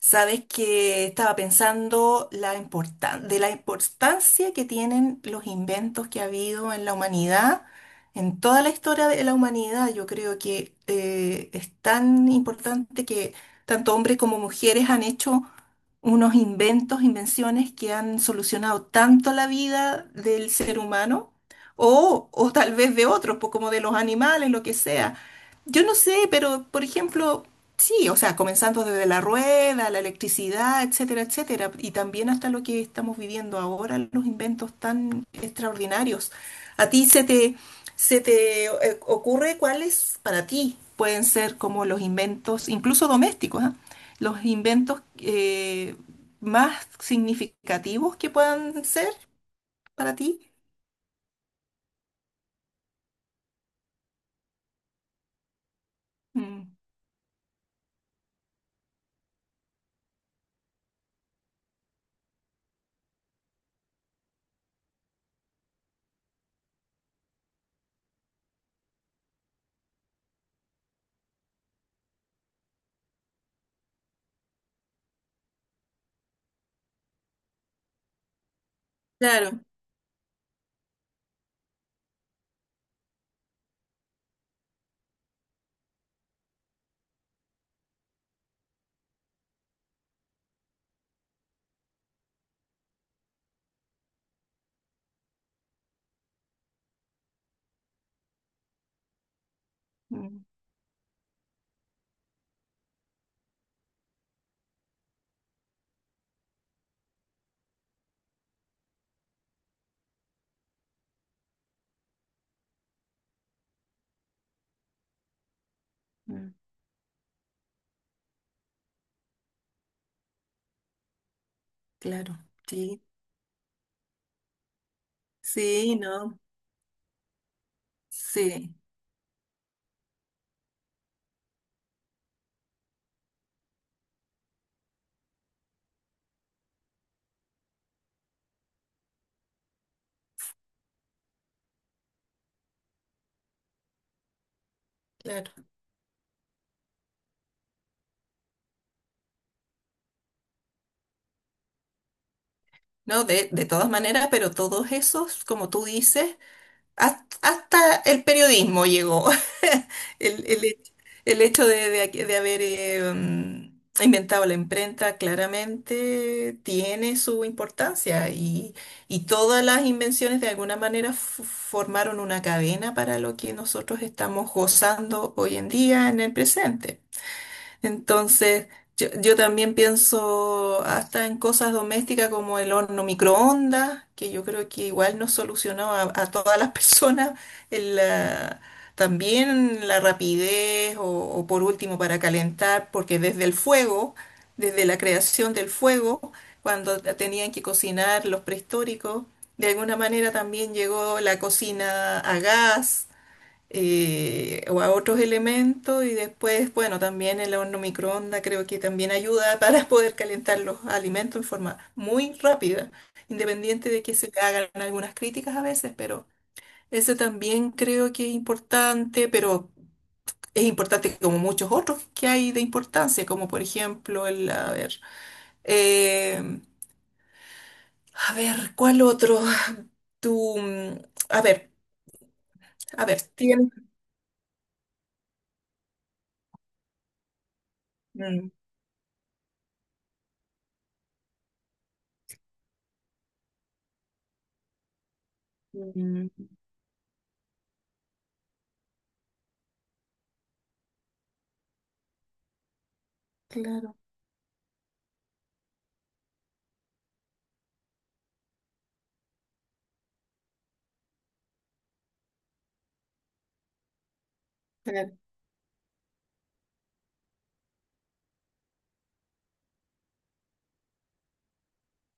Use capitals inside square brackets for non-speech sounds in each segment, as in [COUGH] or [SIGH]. Sabes que estaba pensando de la importancia que tienen los inventos que ha habido en la humanidad, en toda la historia de la humanidad. Yo creo que es tan importante que tanto hombres como mujeres han hecho unos inventos, invenciones que han solucionado tanto la vida del ser humano o tal vez de otros, pues como de los animales, lo que sea. Yo no sé, pero por ejemplo... Sí, o sea, comenzando desde la rueda, la electricidad, etcétera, etcétera, y también hasta lo que estamos viviendo ahora, los inventos tan extraordinarios. ¿A ti se te ocurre cuáles para ti pueden ser como los inventos, incluso domésticos, ah? Los inventos más significativos que puedan ser para ti? Mm. Claro. Mm, mm, claro, sí, sí, no, sí, claro. No, de todas maneras, pero todos esos, como tú dices, has- hasta el periodismo llegó. [LAUGHS] El, el hecho, el hecho de haber inventado la imprenta claramente tiene su importancia y todas las invenciones de alguna manera formaron una cadena para lo que nosotros estamos gozando hoy en día en el presente. Entonces, yo también pienso hasta en cosas domésticas como el horno microondas, que yo creo que igual nos solucionó a todas las [LAUGHS] personas el, la- también la rapidez o por último para calentar, porque desde el fuego, desde la creación del fuego, cuando tenían que cocinar los prehistóricos, de alguna manera también llegó la cocina a gas o a otros elementos y después, bueno, también el horno microondas creo que también ayuda para [LAUGHS] poder calentar los alimentos en forma muy rápida, independiente de que se le hagan algunas críticas a veces, pero ese también creo que es importante, pero es importante como muchos otros que hay de importancia, como por ejemplo el, eh, a ver, ¿cuál otro? Tú, mm, a ver, a ver, tienes... Mm, mm. Claro. Claro.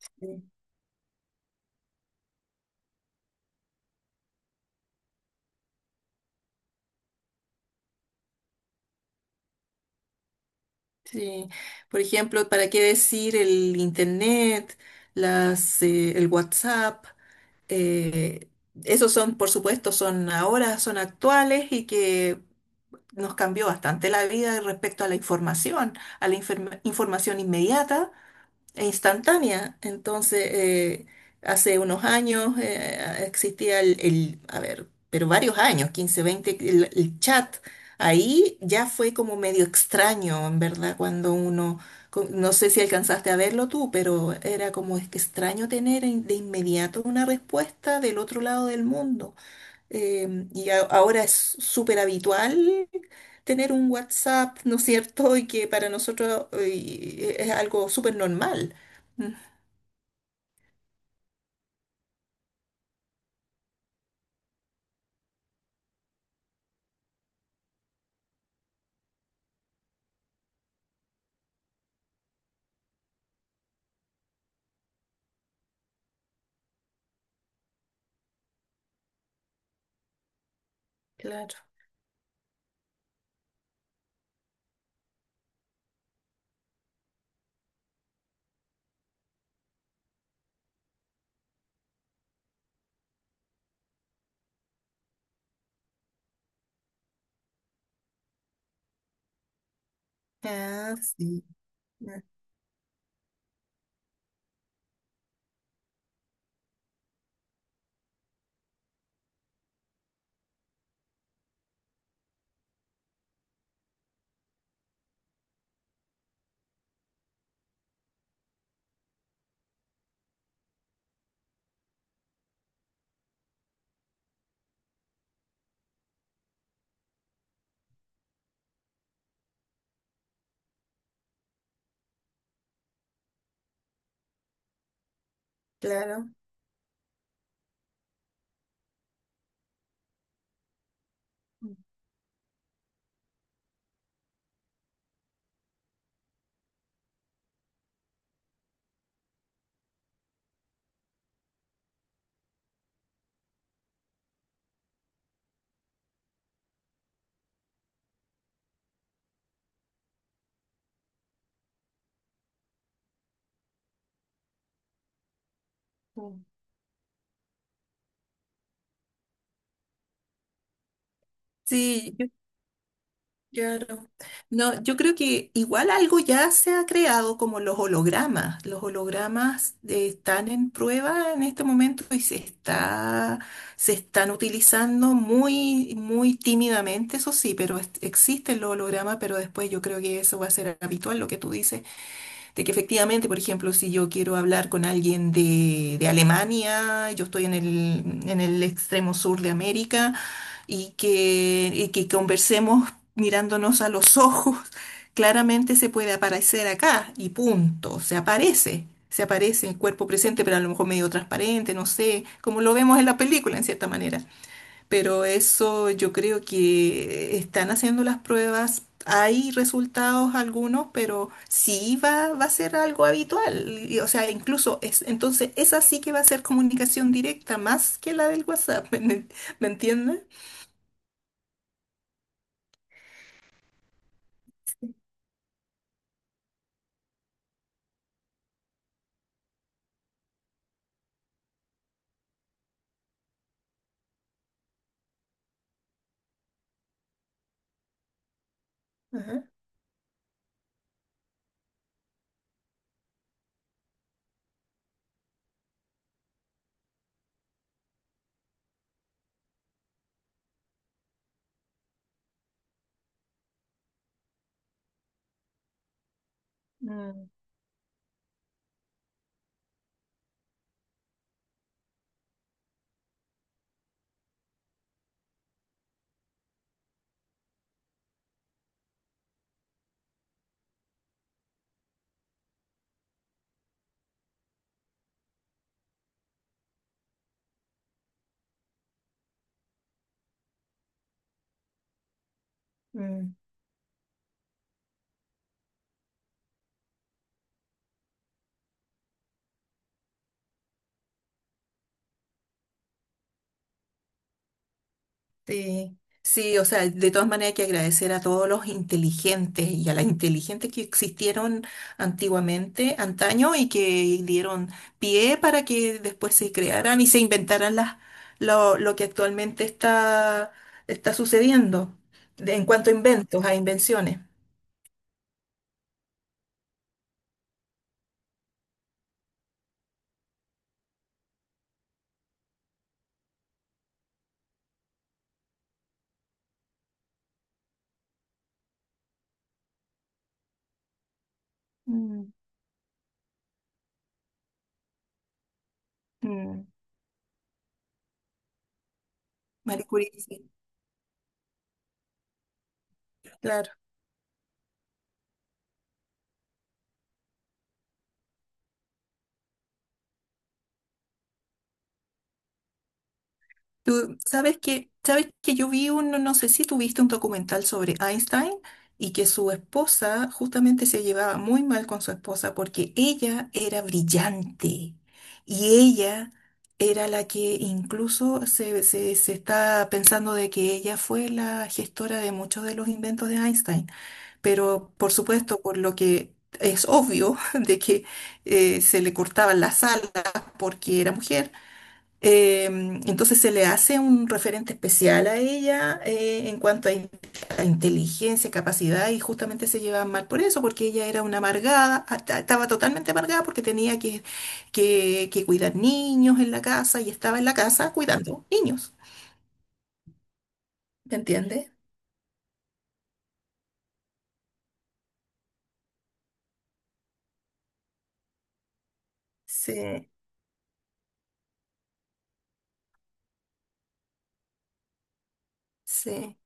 Sí, sí. Por ejemplo, ¿para qué decir el internet, las, el WhatsApp? eh, Esos son, por supuesto, son ahora, son actuales y que nos cambió bastante la vida respecto a la información, a información inmediata instantánea. Entonces, hace unos años existía a ver, pero varios años, 15 20 el chat. Ahí ya fue como medio extraño, en verdad, cuando uno, no sé si alcanzaste a verlo tú, pero era como es que extraño tener de inmediato una respuesta del otro lado del mundo. Ahora es súper habitual tener un WhatsApp, ¿no es cierto? Y que para nosotros es algo súper normal. Mm. Claro. Ah, sí. Mm. Claro. Mm. Sí. Claro. No, yo creo que igual algo ya se ha creado como los hologramas. Los hologramas están en prueba en este momento y se está, se están utilizando muy, muy tímidamente, eso sí, pero existen los hologramas, pero después yo creo que eso va a ser habitual, lo que tú dices, de que efectivamente, por ejemplo, si yo quiero hablar con alguien de Alemania, yo estoy en en el extremo sur de América, y que conversemos mirándonos a los ojos, claramente se puede aparecer acá y punto, se aparece. Se aparece el cuerpo presente, pero a lo mejor medio transparente, no sé, como lo vemos en la película, en cierta manera. Pero eso yo creo que están haciendo las pruebas. Hay resultados algunos, pero sí va a ser algo habitual. Y, o sea, incluso es, entonces esa sí que va a ser comunicación directa más que la del WhatsApp. [LAUGHS] ¿Me, me entiendes? Sí, sí, o sea, de todas maneras hay que agradecer a todos los inteligentes y a las inteligentes que existieron antiguamente, antaño, y que dieron pie para que después se crearan y se inventaran las, lo que actualmente está, está sucediendo en cuanto a inventos, a invenciones. Mm. Mm. Marie Curie, sí, claro. Tú sabes que yo vi un, no no sé si tuviste un documental sobre Einstein y que su esposa justamente se llevaba muy mal con su esposa porque ella era brillante y ella era la que incluso se está pensando de que ella fue la gestora de muchos de los inventos de Einstein, pero por supuesto por lo que es obvio [LAUGHS] de que se le cortaban las alas porque era mujer eh, entonces se le hace un referente especial a ella en cuanto a, a inteligencia, capacidad y justamente se llevaban mal por eso, porque ella era una amargada, estaba totalmente amargada porque tenía que cuidar niños en la casa y estaba en la casa cuidando niños. ¿Me entiendes? Sí, sí.